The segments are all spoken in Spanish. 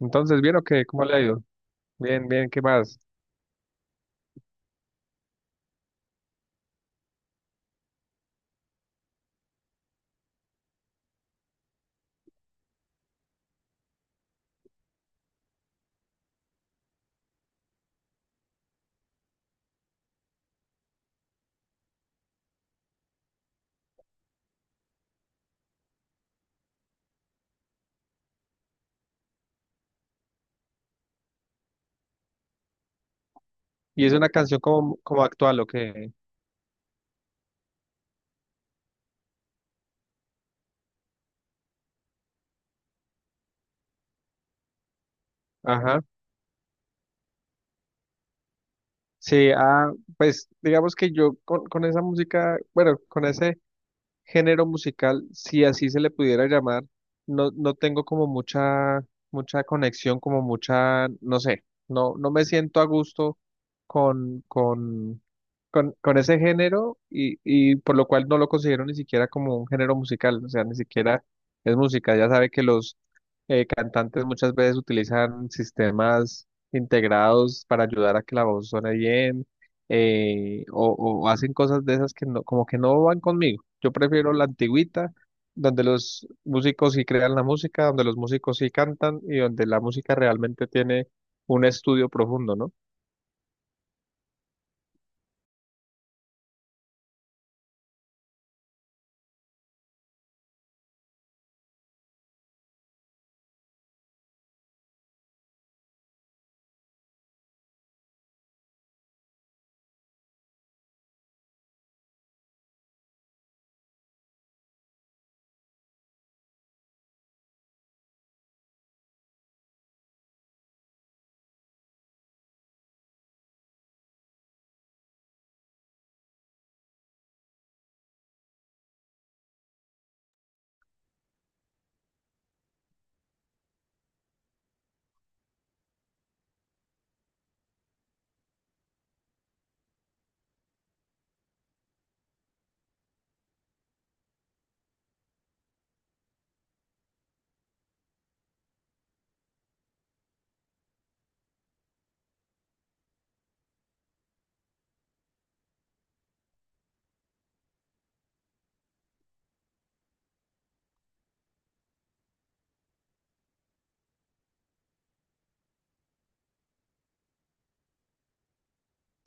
Entonces, ¿bien o qué? ¿Cómo le ha ido? Bien, bien, ¿qué más? Y es una canción como, actual, ¿o qué? Ajá. Sí, ah, pues digamos que yo con, esa música, bueno, con ese género musical, si así se le pudiera llamar, no, no tengo como mucha, conexión, como mucha, no sé, no, no me siento a gusto con, con, con ese género y, por lo cual no lo considero ni siquiera como un género musical, o sea, ni siquiera es música, ya sabe que los cantantes muchas veces utilizan sistemas integrados para ayudar a que la voz suene bien. O, hacen cosas de esas que no, como que no van conmigo. Yo prefiero la antigüita, donde los músicos sí crean la música, donde los músicos sí cantan y donde la música realmente tiene un estudio profundo, ¿no?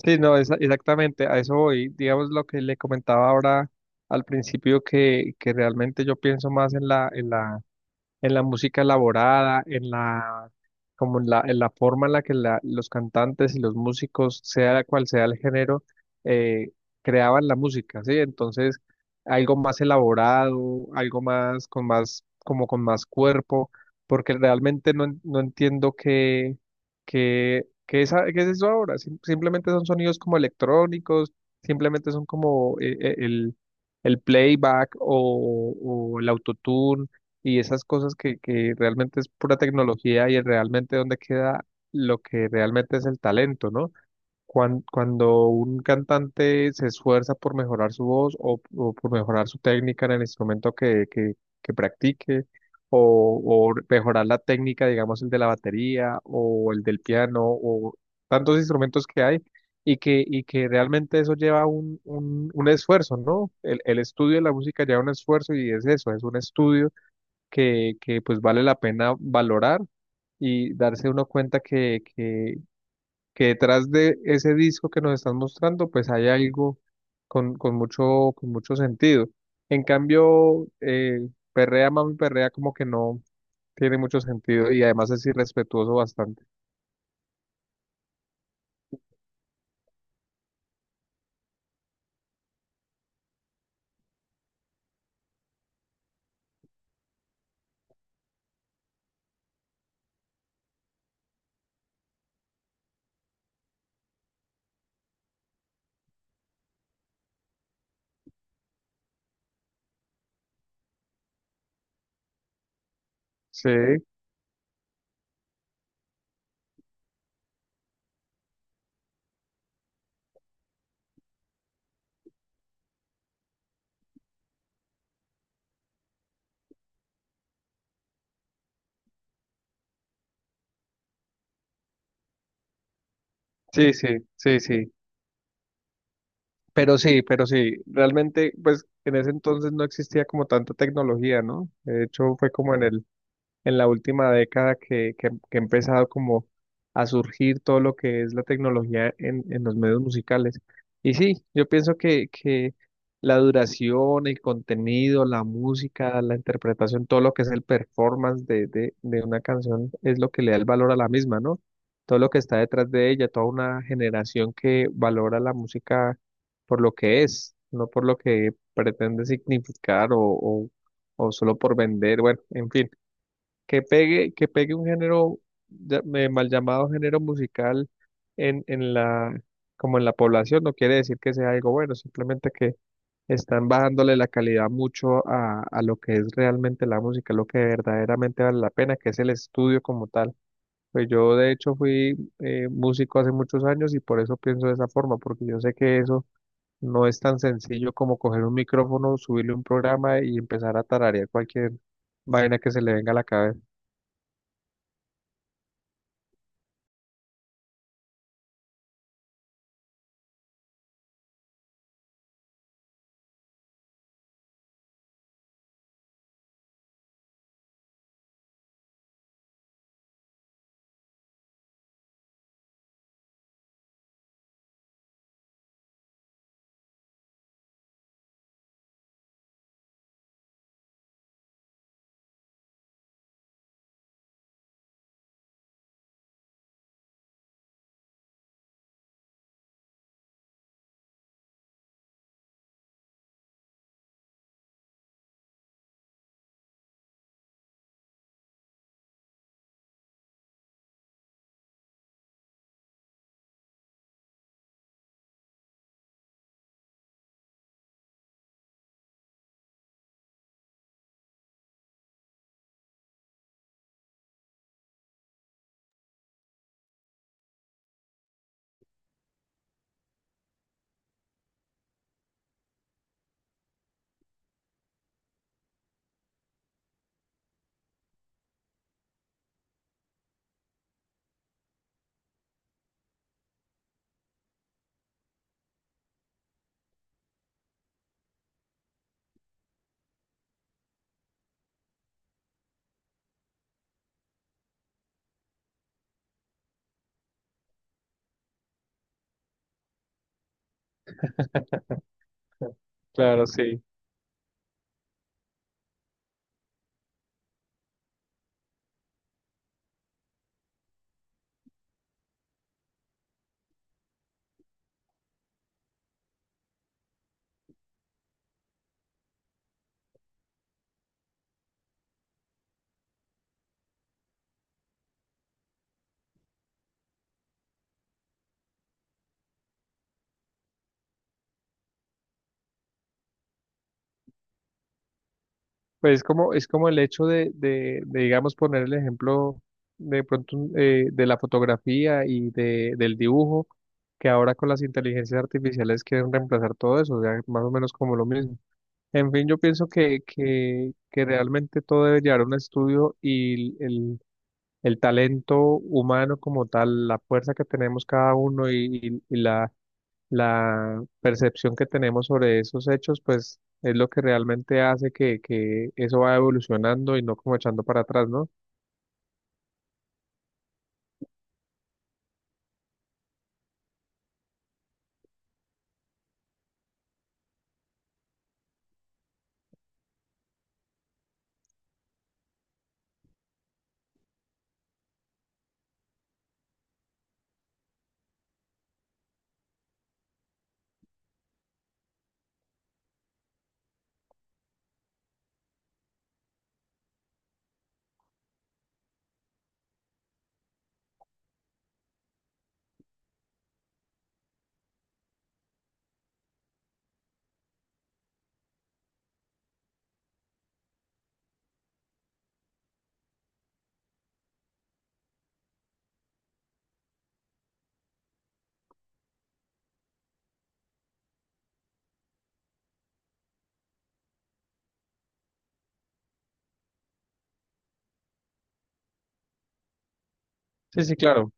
Sí, no, exactamente, a eso voy. Digamos lo que le comentaba ahora al principio, que realmente yo pienso más en la, en la música elaborada, en la, como en la forma en la que los cantantes y los músicos, sea cual sea el género, eh, creaban la música, ¿sí? Entonces, algo más elaborado, algo más, con más, como con más cuerpo, porque realmente no, no entiendo qué, qué es, qué es eso ahora. Simplemente son sonidos como electrónicos, simplemente son como el playback o, el autotune y esas cosas que, realmente es pura tecnología y es realmente donde queda lo que realmente es el talento, ¿no? Cuando, un cantante se esfuerza por mejorar su voz o, por mejorar su técnica en el instrumento que practique, o, mejorar la técnica, digamos, el de la batería o el del piano o tantos instrumentos que hay. Y que realmente eso lleva un esfuerzo, ¿no? El, estudio de la música lleva un esfuerzo y es eso, es un estudio que, pues vale la pena valorar y darse uno cuenta que detrás de ese disco que nos están mostrando, pues hay algo con, con mucho sentido. En cambio, Perrea Mami Perrea como que no tiene mucho sentido y además es irrespetuoso bastante. Sí, sí, sí, sí, sí. Pero sí, pero sí, realmente, pues en ese entonces no existía como tanta tecnología, ¿no? De hecho, fue como en el en la última década que ha empezado como a surgir todo lo que es la tecnología en, los medios musicales. Y sí, yo pienso que, la duración, el contenido, la música, la interpretación, todo lo que es el performance de, de una canción es lo que le da el valor a la misma, ¿no? Todo lo que está detrás de ella, toda una generación que valora la música por lo que es, no por lo que pretende significar o, o solo por vender, bueno, en fin que pegue un género mal llamado género musical en la, como en la población, no quiere decir que sea algo bueno, simplemente que están bajándole la calidad mucho a, lo que es realmente la música, lo que verdaderamente vale la pena, que es el estudio como tal. Pues yo de hecho fui músico hace muchos años y por eso pienso de esa forma, porque yo sé que eso no es tan sencillo como coger un micrófono, subirle un programa y empezar a tararear cualquier vaina que se le venga a la cabeza. Claro, sí. Pues es como el hecho de, digamos, poner el ejemplo de pronto de la fotografía y de, del dibujo, que ahora con las inteligencias artificiales quieren reemplazar todo eso, o sea, más o menos como lo mismo. En fin, yo pienso que, realmente todo debe llevar a un estudio y el, talento humano como tal, la fuerza que tenemos cada uno y la La percepción que tenemos sobre esos hechos, pues es lo que realmente hace que eso va evolucionando y no como echando para atrás, ¿no? Sí, sí, claro.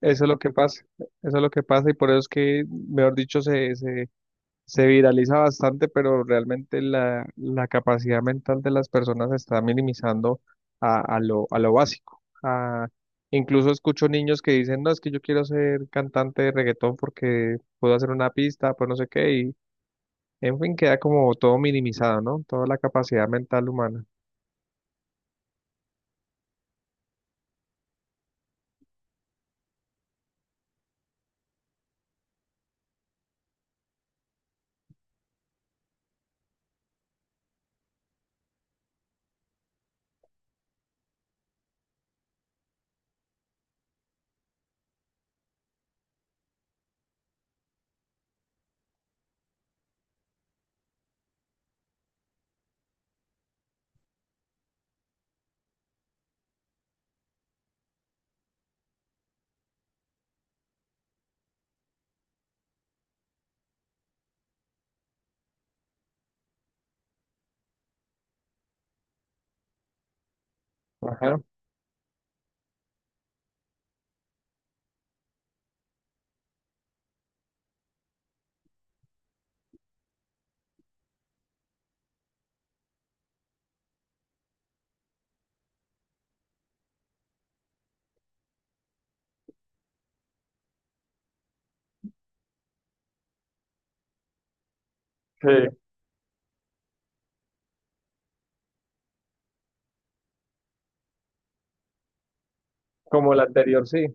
Eso es lo que pasa. Eso es lo que pasa y por eso es que, mejor dicho, se viraliza bastante, pero realmente la, capacidad mental de las personas se está minimizando a, a lo básico. Incluso escucho niños que dicen, no, es que yo quiero ser cantante de reggaetón porque puedo hacer una pista, pues no sé qué. En fin, queda como todo minimizado, ¿no? Toda la capacidad mental humana. Ajá. Sí, como la anterior. Sí,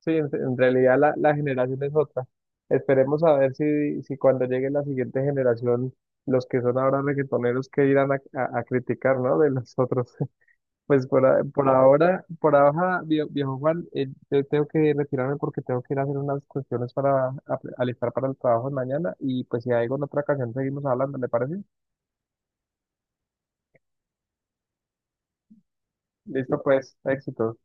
sí, en, realidad la, generación es otra. Esperemos a ver si, si cuando llegue la siguiente generación, los que son ahora reggaetoneros, que irán a, a criticar, ¿no? De los otros. Pues por, por ahora, viejo Juan, yo tengo que retirarme porque tengo que ir a hacer unas cuestiones para alistar para el trabajo de mañana y pues si hay alguna otra ocasión seguimos hablando, ¿le parece? Listo, pues, éxitos.